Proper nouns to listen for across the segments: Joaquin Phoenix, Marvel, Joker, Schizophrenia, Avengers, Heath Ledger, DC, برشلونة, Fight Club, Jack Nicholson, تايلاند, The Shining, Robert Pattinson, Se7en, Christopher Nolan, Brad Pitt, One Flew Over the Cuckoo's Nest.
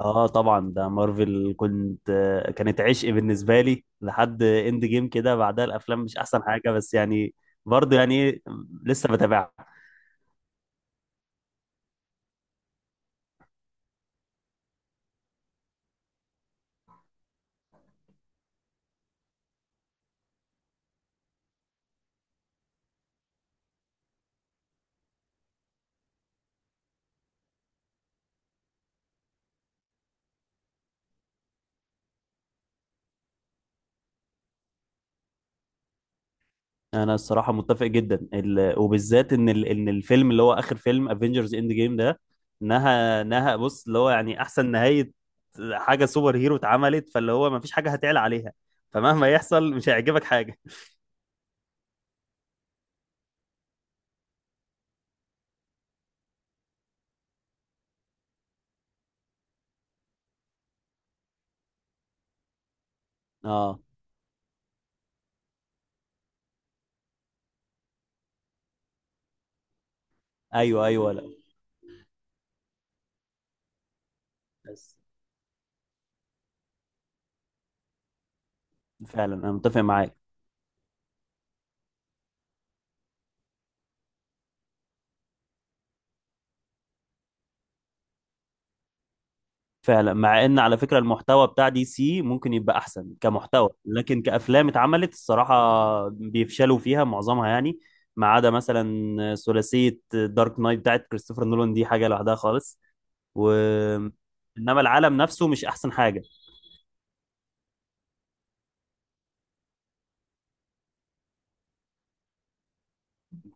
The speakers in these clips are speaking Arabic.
اه طبعا، ده مارفل. كنت آه، كانت عشق بالنسبه لي لحد اند جيم كده. بعدها الافلام مش احسن حاجه، بس يعني برضه يعني إيه، لسه بتابعها. انا الصراحه متفق جدا وبالذات ان ان الفيلم اللي هو اخر فيلم افنجرز اند جيم ده، نهى بص، اللي هو يعني احسن نهايه حاجه سوبر هيرو اتعملت، فاللي هو ما فيش حاجه هتعلى عليها. فمهما يحصل مش هيعجبك حاجه. اه، ايوه ايوه، لا بس فعلا انا متفق معاك. فعلا، مع ان على فكره المحتوى بتاع دي سي ممكن يبقى احسن كمحتوى، لكن كافلام اتعملت الصراحه بيفشلوا فيها معظمها يعني. ما عدا مثلا ثلاثيه دارك نايت بتاعت كريستوفر نولان، دي حاجه لوحدها خالص. و انما العالم نفسه مش احسن حاجه.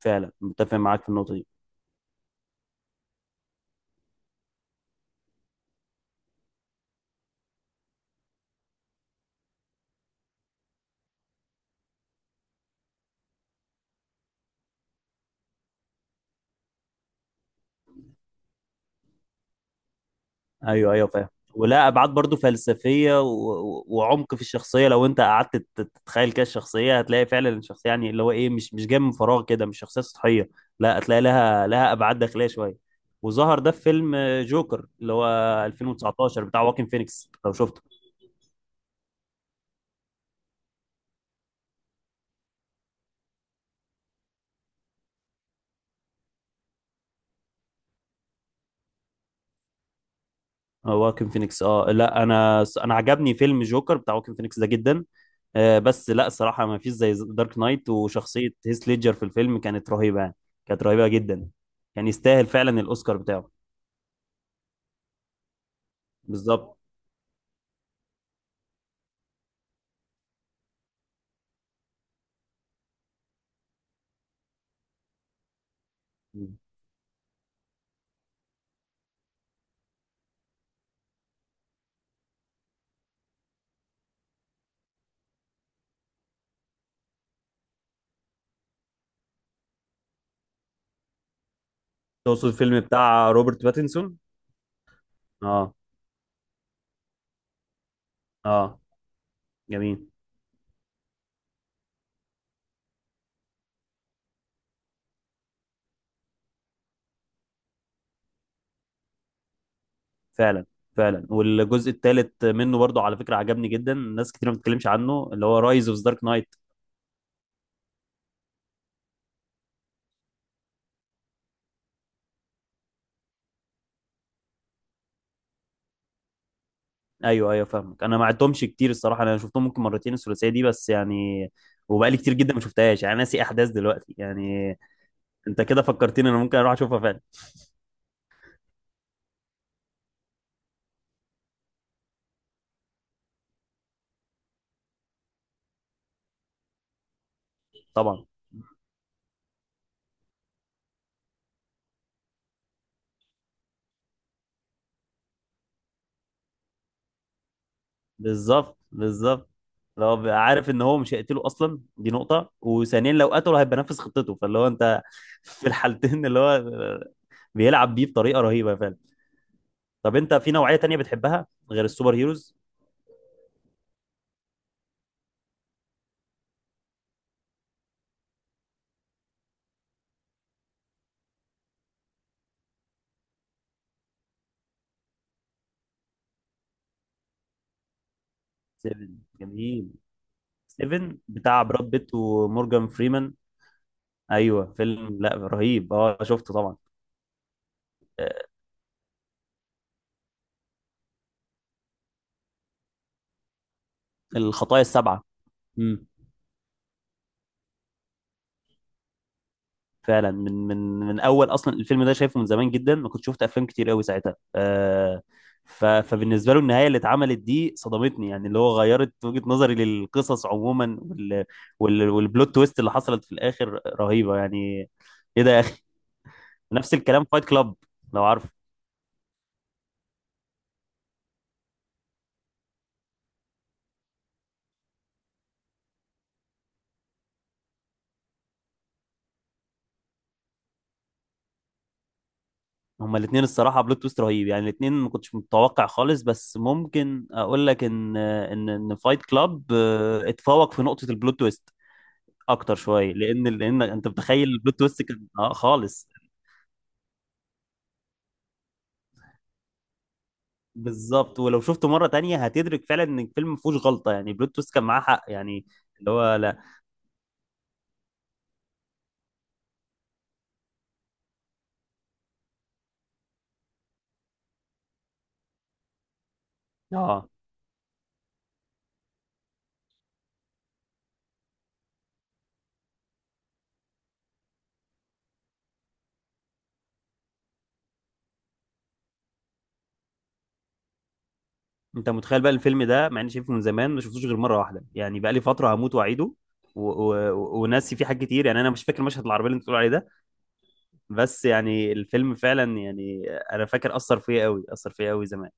فعلا متفق معاك في النقطه دي. ايوه ايوه فاهم، ولا ابعاد برضو فلسفيه و... و- وعمق في الشخصيه. لو انت قعدت تتخيل كده الشخصيه، هتلاقي فعلا الشخصيه يعني اللي هو ايه، مش جايه من فراغ كده، مش شخصيه سطحيه. لا، هتلاقي لها ابعاد داخليه شويه. وظهر ده في فيلم جوكر اللي هو 2019 بتاع واكين فينيكس لو شفته. واكن فينيكس، اه لا، انا عجبني فيلم جوكر بتاع واكن فينيكس ده جدا. بس لا صراحة ما فيش زي دارك نايت. وشخصية هيث ليدجر في الفيلم كانت رهيبة يعني، كانت رهيبة جدا. كان يستاهل فعلا الأوسكار بتاعه. بالظبط. تقصد الفيلم بتاع روبرت باتنسون؟ اه اه، جميل. فعلا، فعلا والجزء الثالث منه برضه على فكرة عجبني جدا. ناس كتير ما بتتكلمش عنه، اللي هو رايز اوف دارك نايت. ايوه ايوه فاهمك. انا ما عدتهمش كتير الصراحه، انا شفتهم ممكن مرتين الثلاثيه دي بس يعني. وبقالي كتير جدا ما شفتهاش يعني، ناسي احداث دلوقتي يعني. انت كده فكرتني، انا ممكن اروح اشوفها فعلا. طبعا. بالظبط بالظبط، لو بقى عارف ان هو مش هيقتله اصلا دي نقطه، وثانيا لو قتله هيبقى نافذ خطته. فاللي هو انت في الحالتين اللي هو بيلعب بيه بطريقه رهيبه فعلا. طب انت في نوعيه تانية بتحبها غير السوبر هيروز؟ 7؟ جميل. 7 بتاع براد بيت ومورجان فريمان؟ ايوه فيلم، لا رهيب اه شفته طبعا. آه، الخطايا السبعه. امم. فعلا، من اول اصلا الفيلم ده شايفه من زمان جدا، ما كنت شفت افلام كتير قوي ساعتها فبالنسبه له النهايه اللي اتعملت دي صدمتني يعني، اللي هو غيرت وجهه نظري للقصص عموما وال وال والبلوت تويست اللي حصلت في الاخر رهيبه يعني. ايه ده يا اخي! نفس الكلام فايت كلاب، لو عارف. هما الاثنين الصراحه بلوت تويست رهيب يعني، الاثنين ما كنتش متوقع خالص. بس ممكن اقول لك ان فايت كلاب اتفوق في نقطه البلوت تويست اكتر شويه، لان انت متخيل البلوت تويست كان اه خالص. بالظبط. ولو شفته مره تانية هتدرك فعلا ان الفيلم ما فيهوش غلطه يعني، البلوت تويست كان معاه حق يعني. اللي هو، لا، اه. انت متخيل بقى الفيلم ده، مع اني شايفه من زمان ما شفتوش غير مره واحده يعني، بقى لي فتره هموت واعيده و... و... وناسي فيه حاجات كتير يعني. انا مش فاكر مشهد العربيه اللي انت بتقول عليه ده. بس يعني الفيلم فعلا يعني، انا فاكر اثر فيا قوي، اثر فيا قوي زمان.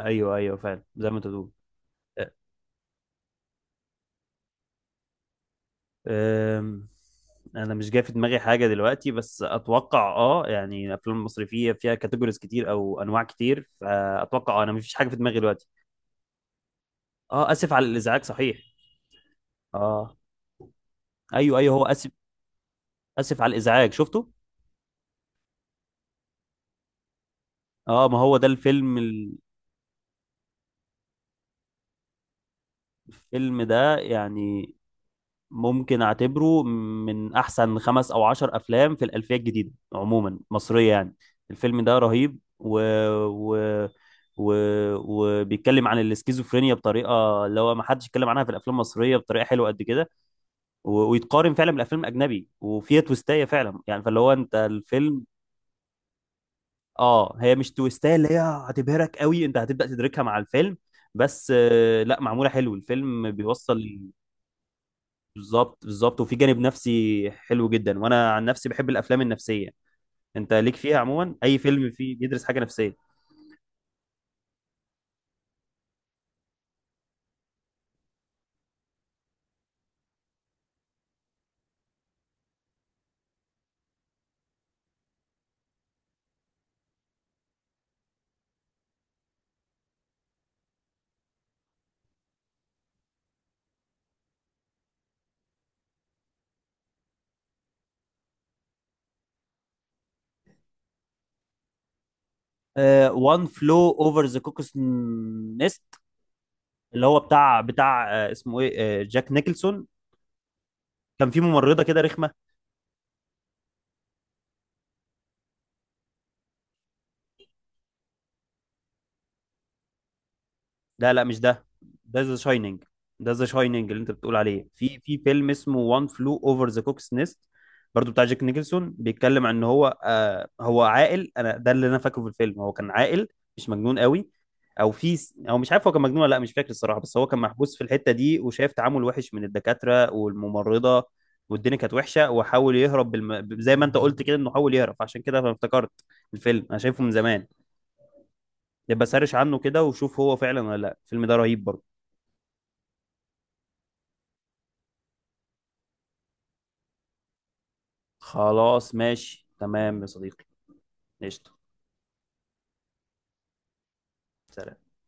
ايوه ايوه فعلا زي ما انت بتقول. أ- أم، انا مش جاي في دماغي حاجه دلوقتي، بس اتوقع اه يعني الافلام المصري فيها كاتيجوريز كتير او انواع كتير، فاتوقع انا مفيش حاجه في دماغي دلوقتي. اه، اسف على الازعاج، صحيح. اه ايوه ايوه هو اسف. اسف على الازعاج شفته؟ اه ما هو ده الفيلم. الفيلم ده يعني ممكن اعتبره من احسن خمس او عشر افلام في الالفيه الجديده، عموما مصريه يعني. الفيلم ده رهيب و... و... و... وبيتكلم عن الاسكيزوفرينيا بطريقه اللي هو ما حدش اتكلم عنها في الافلام المصريه بطريقه حلوه قد كده. و... ويتقارن فعلا بالافلام الاجنبي، وفيها تويستايه فعلا يعني. فاللي هو انت الفيلم. اه، هي مش تويستايه اللي هي هتبهرك قوي، انت هتبدا تدركها مع الفيلم. بس لا، معموله حلو الفيلم بيوصل. بالظبط بالظبط، وفي جانب نفسي حلو جدا، وانا عن نفسي بحب الافلام النفسيه. انت ليك فيها عموما، اي فيلم فيه بيدرس حاجه نفسيه. وان فلو اوفر ذا كوكس نست، اللي هو بتاع اسمه ايه جاك نيكلسون. كان في ممرضه كده رخمه. لا لا مش ده. ده ذا شاينينج. ده ذا شاينينج اللي انت بتقول عليه، في فيلم اسمه وان فلو اوفر ذا كوكس نيست. برضو بتاع جاك نيكلسون، بيتكلم عن ان هو هو عاقل. انا ده اللي انا فاكره في الفيلم، هو كان عاقل مش مجنون قوي. او مش عارف هو كان مجنون ولا لا، مش فاكر الصراحه. بس هو كان محبوس في الحته دي وشايف تعامل وحش من الدكاتره والممرضه. والدنيا كانت وحشه، وحاول يهرب زي ما انت قلت كده، انه حاول يهرب. عشان كده انا افتكرت الفيلم، انا شايفه من زمان. يبقى سرش عنه كده وشوف هو فعلا ولا لا. الفيلم ده رهيب برضه. خلاص ماشي تمام يا صديقي. قشطة. سلام.